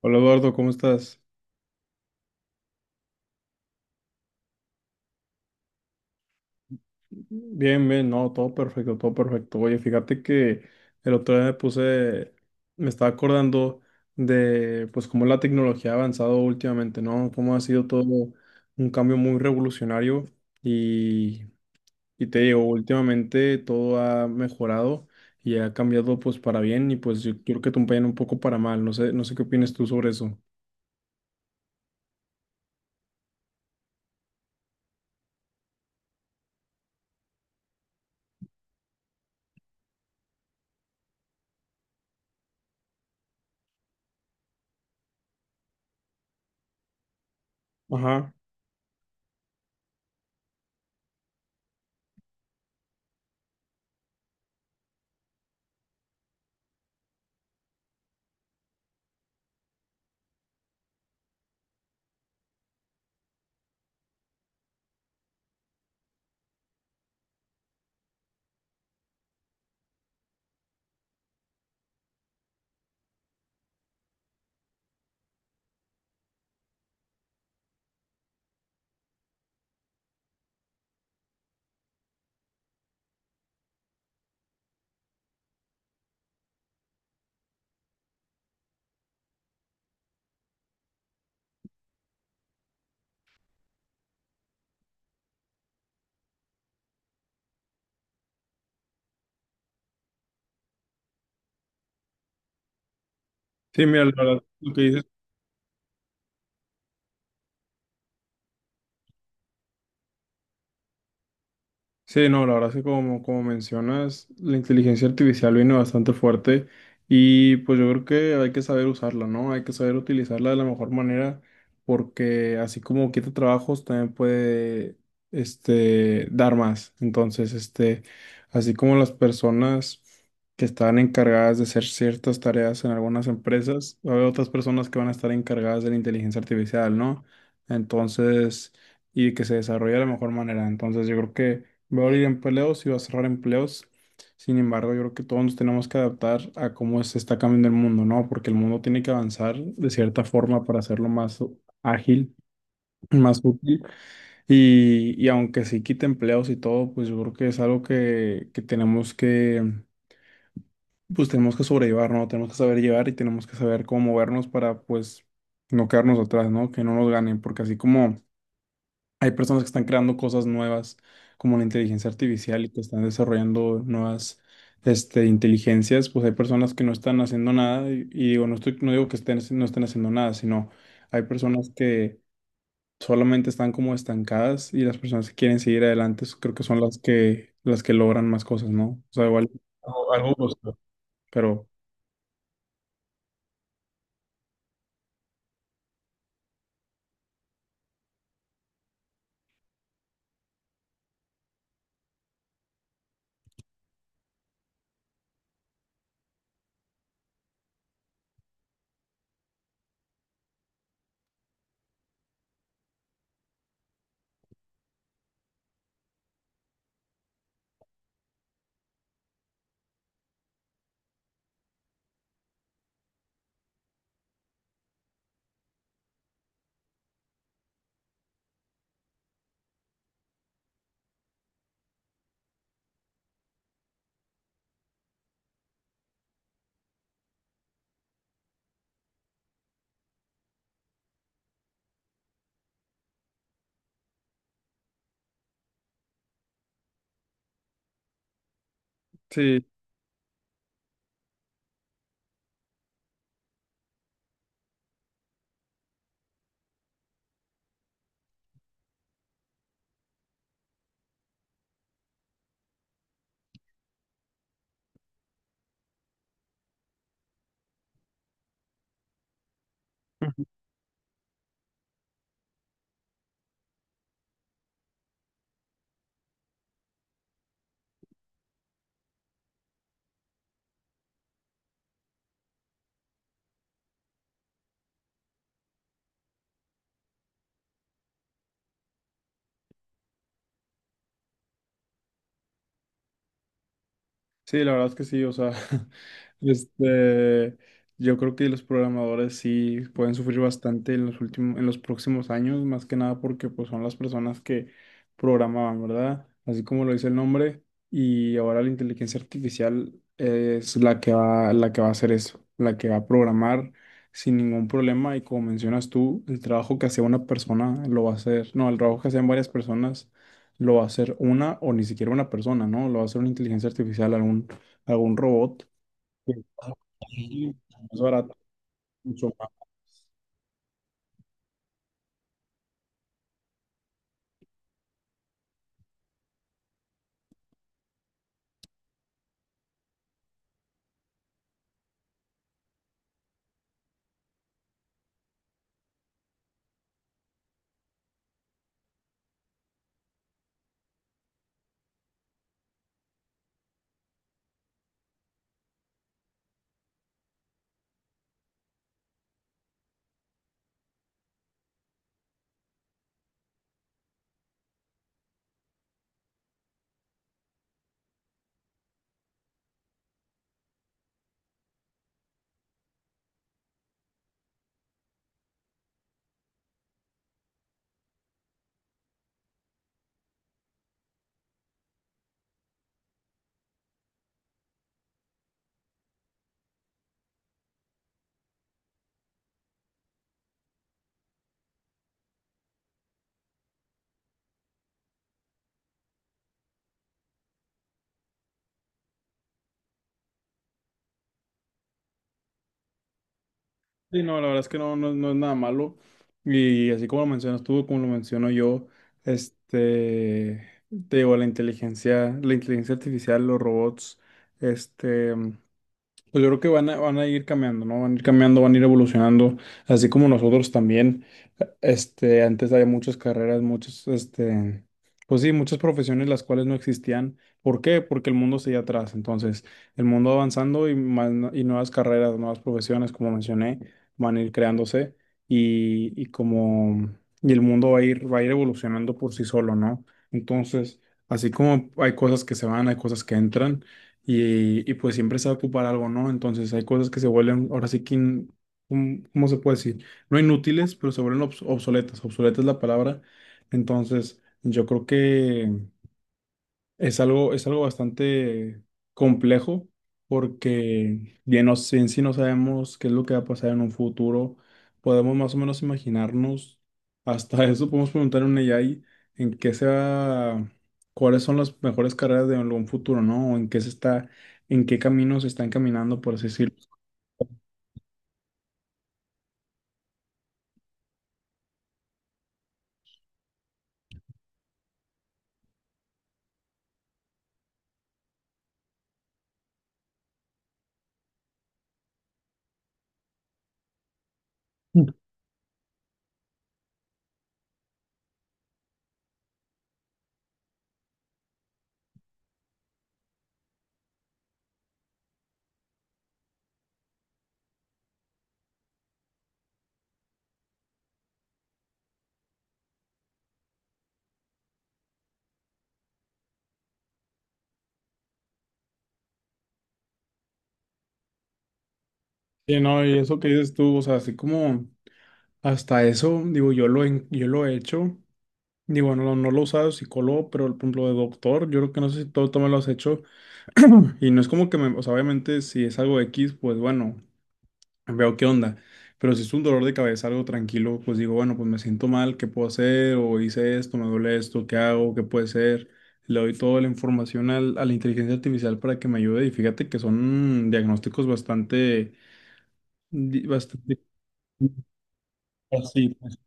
Hola Eduardo, ¿cómo estás? Bien, bien, no, todo perfecto, todo perfecto. Oye, fíjate que el otro día me puse, me estaba acordando de pues cómo la tecnología ha avanzado últimamente, ¿no? Cómo ha sido todo un cambio muy revolucionario y, y te digo, últimamente todo ha mejorado y ha cambiado pues para bien y pues yo creo que también un poco para mal. No sé, no sé qué opinas tú sobre eso. Ajá. Sí, mira, la verdad, lo que dices. Sí, no, la verdad es que como, como mencionas, la inteligencia artificial viene bastante fuerte y pues yo creo que hay que saber usarla, ¿no? Hay que saber utilizarla de la mejor manera porque así como quita trabajos, también puede, este, dar más. Entonces, este, así como las personas que están encargadas de hacer ciertas tareas en algunas empresas, va a haber otras personas que van a estar encargadas de la inteligencia artificial, ¿no? Entonces, y que se desarrolle de la mejor manera. Entonces, yo creo que... va a abrir empleos y va a cerrar empleos. Sin embargo, yo creo que todos nos tenemos que adaptar a cómo se está cambiando el mundo, ¿no? Porque el mundo tiene que avanzar de cierta forma para hacerlo más ágil, más útil. Y aunque sí quite empleos y todo, pues yo creo que es algo que tenemos que, pues tenemos que sobrellevar, ¿no? Tenemos que saber llevar y tenemos que saber cómo movernos para, pues, no quedarnos atrás, ¿no? Que no nos ganen, porque así como... hay personas que están creando cosas nuevas, como la inteligencia artificial, y que están desarrollando nuevas, este, inteligencias. Pues hay personas que no están haciendo nada, y digo, no estoy, no digo que estén, no estén haciendo nada, sino hay personas que solamente están como estancadas y las personas que quieren seguir adelante creo que son las que logran más cosas, ¿no? O sea, igual algo, algo justo, pero sí. Sí, la verdad es que sí, o sea, este, yo creo que los programadores sí pueden sufrir bastante en los últimos, en los próximos años, más que nada porque pues son las personas que programaban, ¿verdad? Así como lo dice el nombre, y ahora la inteligencia artificial es la que va a hacer eso, la que va a programar sin ningún problema, y como mencionas tú, el trabajo que hacía una persona lo va a hacer, no, el trabajo que hacían varias personas lo va a hacer una o ni siquiera una persona, ¿no? Lo va a hacer una inteligencia artificial, algún, algún robot. Que sí, es más barato, mucho más. Sí, no, la verdad es que no, no, no es nada malo. Y así como lo mencionas tú, como lo menciono yo, este, te digo, la inteligencia artificial, los robots, este, pues yo creo que van a, van a ir cambiando, ¿no? Van a ir cambiando, van a ir evolucionando, así como nosotros también. Este, antes había muchas carreras, muchas, este, pues sí, muchas profesiones las cuales no existían. ¿Por qué? Porque el mundo seguía atrás. Entonces, el mundo avanzando y más, y nuevas carreras, nuevas profesiones, como mencioné, van a ir creándose y, y el mundo va a ir evolucionando por sí solo, ¿no? Entonces, así como hay cosas que se van, hay cosas que entran y pues siempre se va a ocupar algo, ¿no? Entonces hay cosas que se vuelven, ahora sí que, ¿cómo se puede decir? No inútiles, pero se vuelven obsoletas, obsoleta es la palabra. Entonces, yo creo que es algo bastante complejo porque bien, no, en sí no sabemos qué es lo que va a pasar en un futuro. Podemos más o menos imaginarnos, hasta eso podemos preguntar a un AI en qué se va, cuáles son las mejores carreras de algún futuro, ¿no? O en qué se está, en qué caminos se están caminando, por así decirlo. Sí, no, y eso que dices tú, o sea, así como hasta eso, digo, yo lo, yo lo he hecho. Digo, no, no lo he usado de psicólogo, pero por ejemplo de doctor, yo creo que no sé si todo, tú me lo has hecho. Y no es como que me, o sea, obviamente si es algo X, pues bueno, veo qué onda. Pero si es un dolor de cabeza, algo tranquilo, pues digo, bueno, pues me siento mal, ¿qué puedo hacer? O hice esto, me duele esto, ¿qué hago? ¿Qué puede ser? Le doy toda la información a la inteligencia artificial para que me ayude. Y fíjate que son diagnósticos bastante, bastante así, pues.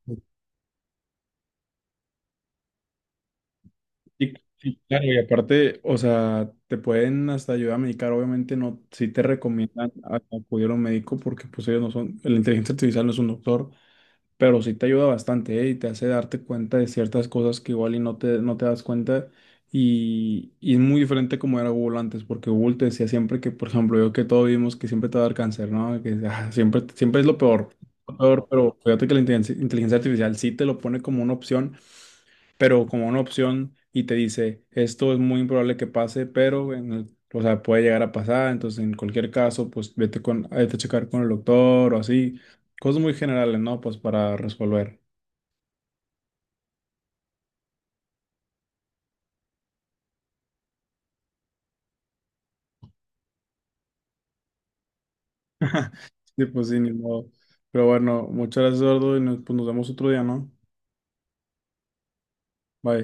Sí. Y claro, y aparte, o sea, te pueden hasta ayudar a medicar, obviamente no, sí te recomiendan acudir a un médico porque pues ellos no son, la inteligencia artificial no es un doctor, pero sí te ayuda bastante, ¿eh? Y te hace darte cuenta de ciertas cosas que igual y no te, no te das cuenta y es muy diferente como era Google antes, porque Google te decía siempre que, por ejemplo, yo que todos vimos que siempre te va a dar cáncer, ¿no? Que ah, siempre, siempre es lo peor, pero fíjate que la inteligencia artificial sí te lo pone como una opción, pero como una opción, y te dice, esto es muy improbable que pase, pero en o sea, puede llegar a pasar, entonces en cualquier caso, pues vete con, vete a checar con el doctor o así, cosas muy generales, ¿no? Pues para resolver. Sí, pues sí, ni modo. Pero bueno, muchas gracias, Eduardo, y nos, pues, nos vemos otro día, ¿no? Bye.